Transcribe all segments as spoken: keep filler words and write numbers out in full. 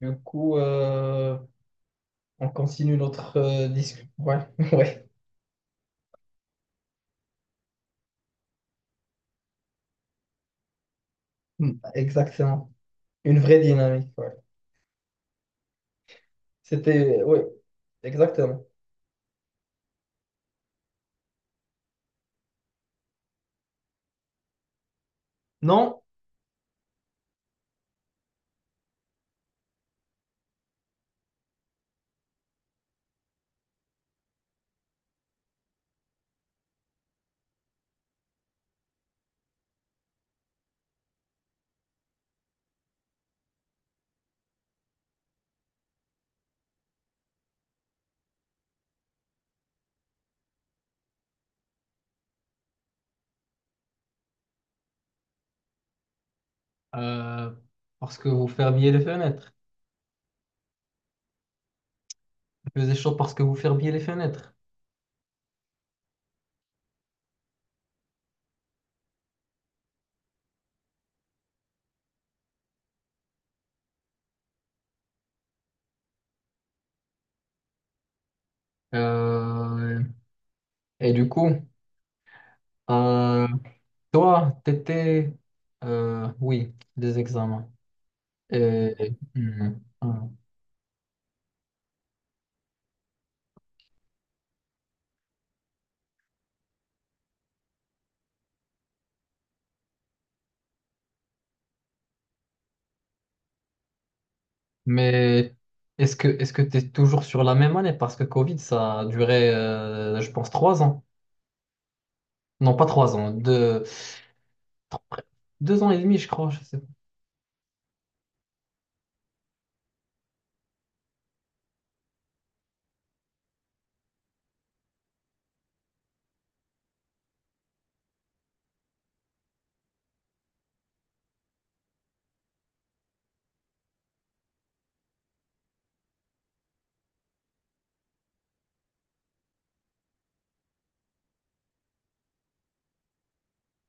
Du coup, euh, on continue notre euh, discussion. Ouais, ouais, Mm. Exactement. Une vraie dynamique, ouais. C'était, oui, exactement. Non, euh, parce que vous fermiez les fenêtres. Il faisait chaud parce que vous fermiez les fenêtres. Euh, et du coup, euh, toi, t'étais, euh, oui, des examens. Et, Mm. Mais est-ce que est-ce que tu es toujours sur la même année? Parce que Covid, ça a duré, euh, je pense, trois ans. Non, pas trois ans, deux, trois- deux ans et demi, je crois. Je sais pas.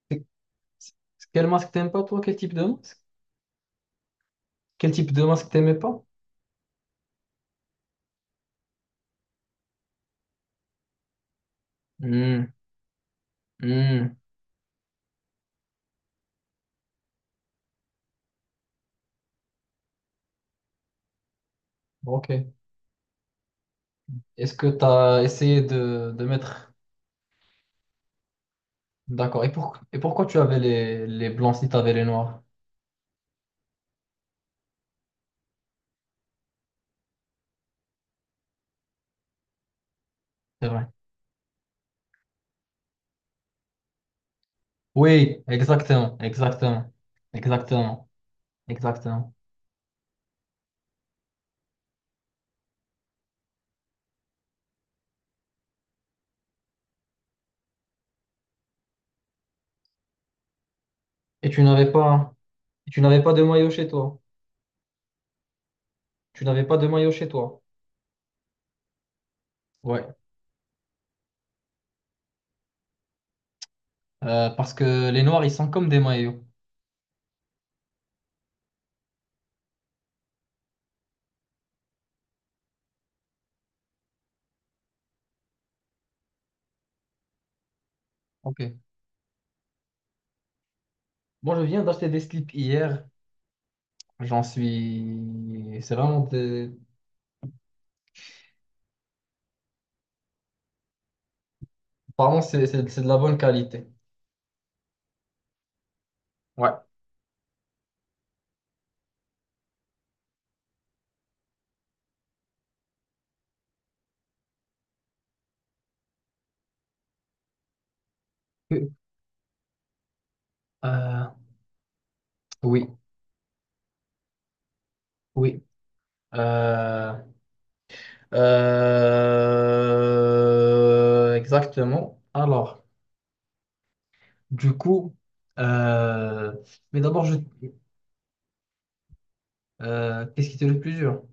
C'est- Quel masque t'aimes pas, toi? Quel type de masque? Quel type de masque t'aimais pas? Hmm, hmm, ok. Est-ce que tu as essayé de, de mettre... D'accord. Et, pour- et pourquoi tu avais les, les blancs si tu avais les noirs? C'est vrai. Oui, exactement, exactement, exactement, exactement. Et tu n'avais pas, tu n'avais pas de maillot chez toi? Tu n'avais pas de maillot chez toi. Ouais, euh, parce que les noirs, ils sont comme des maillots. Ok. Moi, je viens d'acheter des slips hier. J'en suis. C'est vraiment des. Apparemment, c'est c'est- c'est de la bonne qualité. Ouais. Euh, oui, oui. Euh, euh, exactement. Alors, du coup, euh, mais d'abord, je, euh, qu'est-ce qui était le plus dur?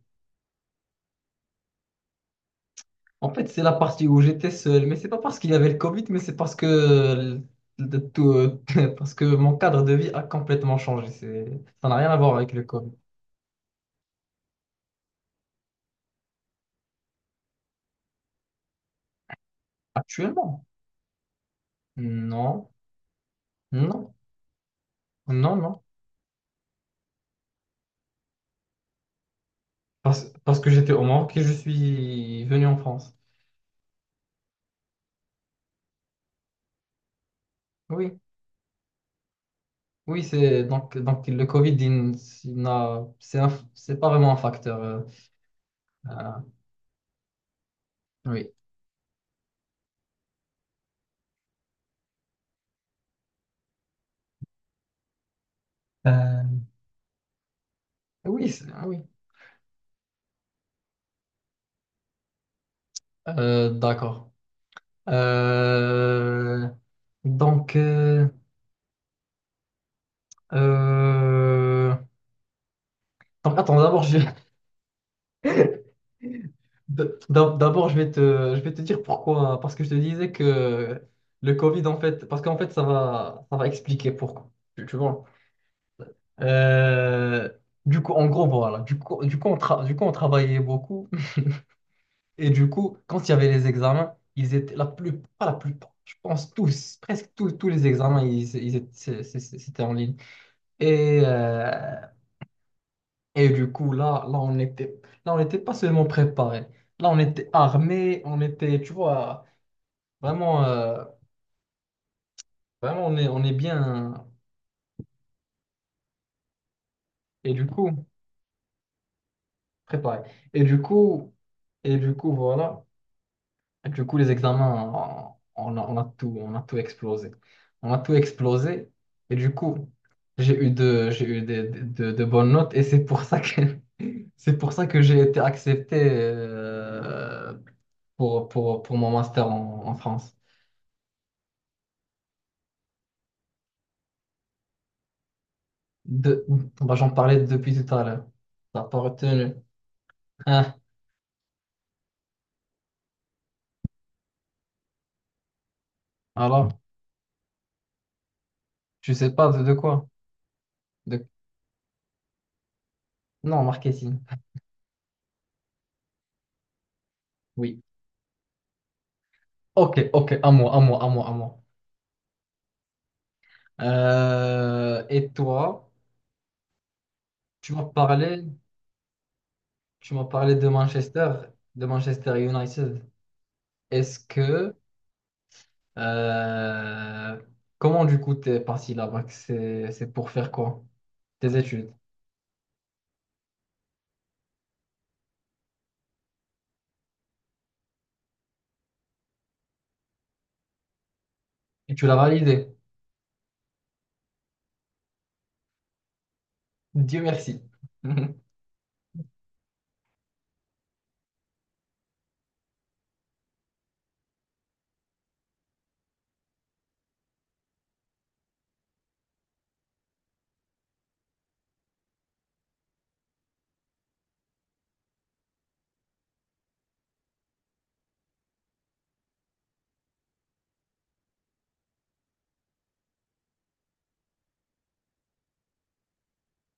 En fait, c'est la partie où j'étais seul, mais c'est pas parce qu'il y avait le Covid, mais c'est parce que, euh, de tout, euh, parce que mon cadre de vie a complètement changé. C'est- Ça n'a rien à voir avec le Covid. Actuellement? Non, non, non, non. Parce, parce que j'étais au Maroc et je suis venu en France. Oui, oui, c'est donc, donc le Covid, il n- il n'a, c'est un- c'est pas vraiment un facteur. euh, euh, oui. Euh, oui, c'est- oui. Euh, d'accord. Euh, donc. euh, Euh, Attends, d'abord, je... d'ab- D'abord, je vais te... je vais te dire pourquoi, hein. Parce que je te disais que le Covid, en fait, parce qu'en fait, ça va... ça va expliquer pourquoi. Tu, tu vois. Euh, Du coup, en gros, voilà. Du coup, du coup, on tra- du coup, on travaillait beaucoup. Et du coup, quand il y avait les examens, ils étaient la plus... pas la plupart, je pense tous, presque tous, tous les examens, ils, ils étaient... c'est- c'est- c'était en ligne. Et, euh, Et du coup, là, là, on était, là, on n'était pas seulement préparé. Là, on était armé, on était, tu vois, vraiment, euh, vraiment, on est, on est bien. Et du coup, préparé. Et du coup, et du coup, voilà. Et du coup, les examens, on a, on a tout, on a tout explosé. On a tout explosé. Et du coup, j'ai eu de, j'ai eu de, de, de bonnes notes. Et c'est pour ça que, c'est pour ça que j'ai été accepté, euh, pour, pour, pour mon master en en France. De... Bah, j'en parlais depuis tout à l'heure. T'as pas retenu. Hein? Alors, je sais pas de, de quoi. De... Non, marketing. Oui. Ok, ok, à moi, à moi, à moi, à moi. Euh, et toi, tu m'as parlé, tu m'as parlé de Manchester, de Manchester United. Est-ce que, euh, comment du coup t'es parti là-bas? Que C'est, c'est pour faire quoi? Tes études. Et tu l'as validé. Dieu merci.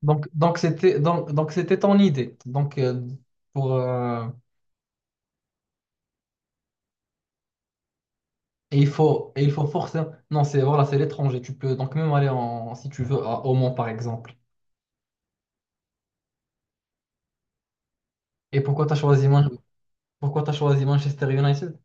Donc, donc c'était donc, donc c'était ton idée. Donc euh, pour euh, et il faut et il faut forcément non c'est voilà c'est l'étranger. Tu peux donc même aller en si tu veux à, au Mans par exemple. Et pourquoi t'as choisi Man- pourquoi t'as choisi Manchester United?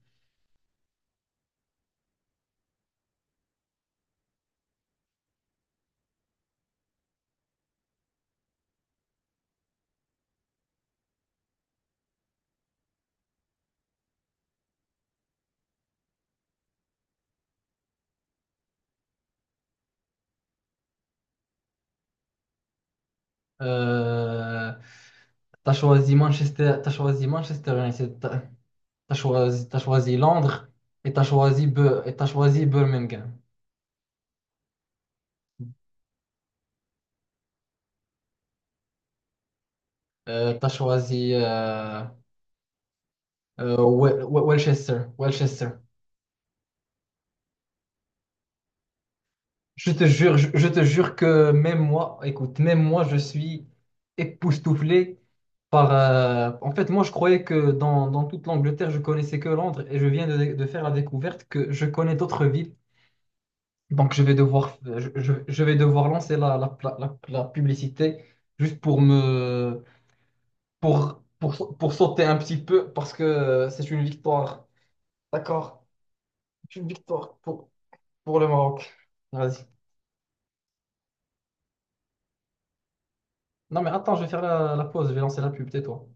Euh, t'as choisi Manchester t'as choisi Manchester United. T'as t'as choisi t'as choisi Londres et t'as choisi Bu- et t'as choisi Birmingham. Euh, t'as choisi euh, euh, Wel- Wel- Welchester Welchester. Je te jure, je, je te jure que même moi, écoute, même moi, je suis époustouflé par... euh, en fait, moi, je croyais que dans, dans toute l'Angleterre, je connaissais que Londres et je viens de, de faire la découverte que je connais d'autres villes. Donc, je vais devoir, je, je- je vais devoir lancer la, la, la, la- la publicité juste pour me... Pour, pour, pour sauter un petit peu parce que euh, c'est une victoire. D'accord? C'est une victoire pour, pour le Maroc. Vas-y. Non, mais attends, je vais faire la, la pause, je vais lancer la pub, tais-toi.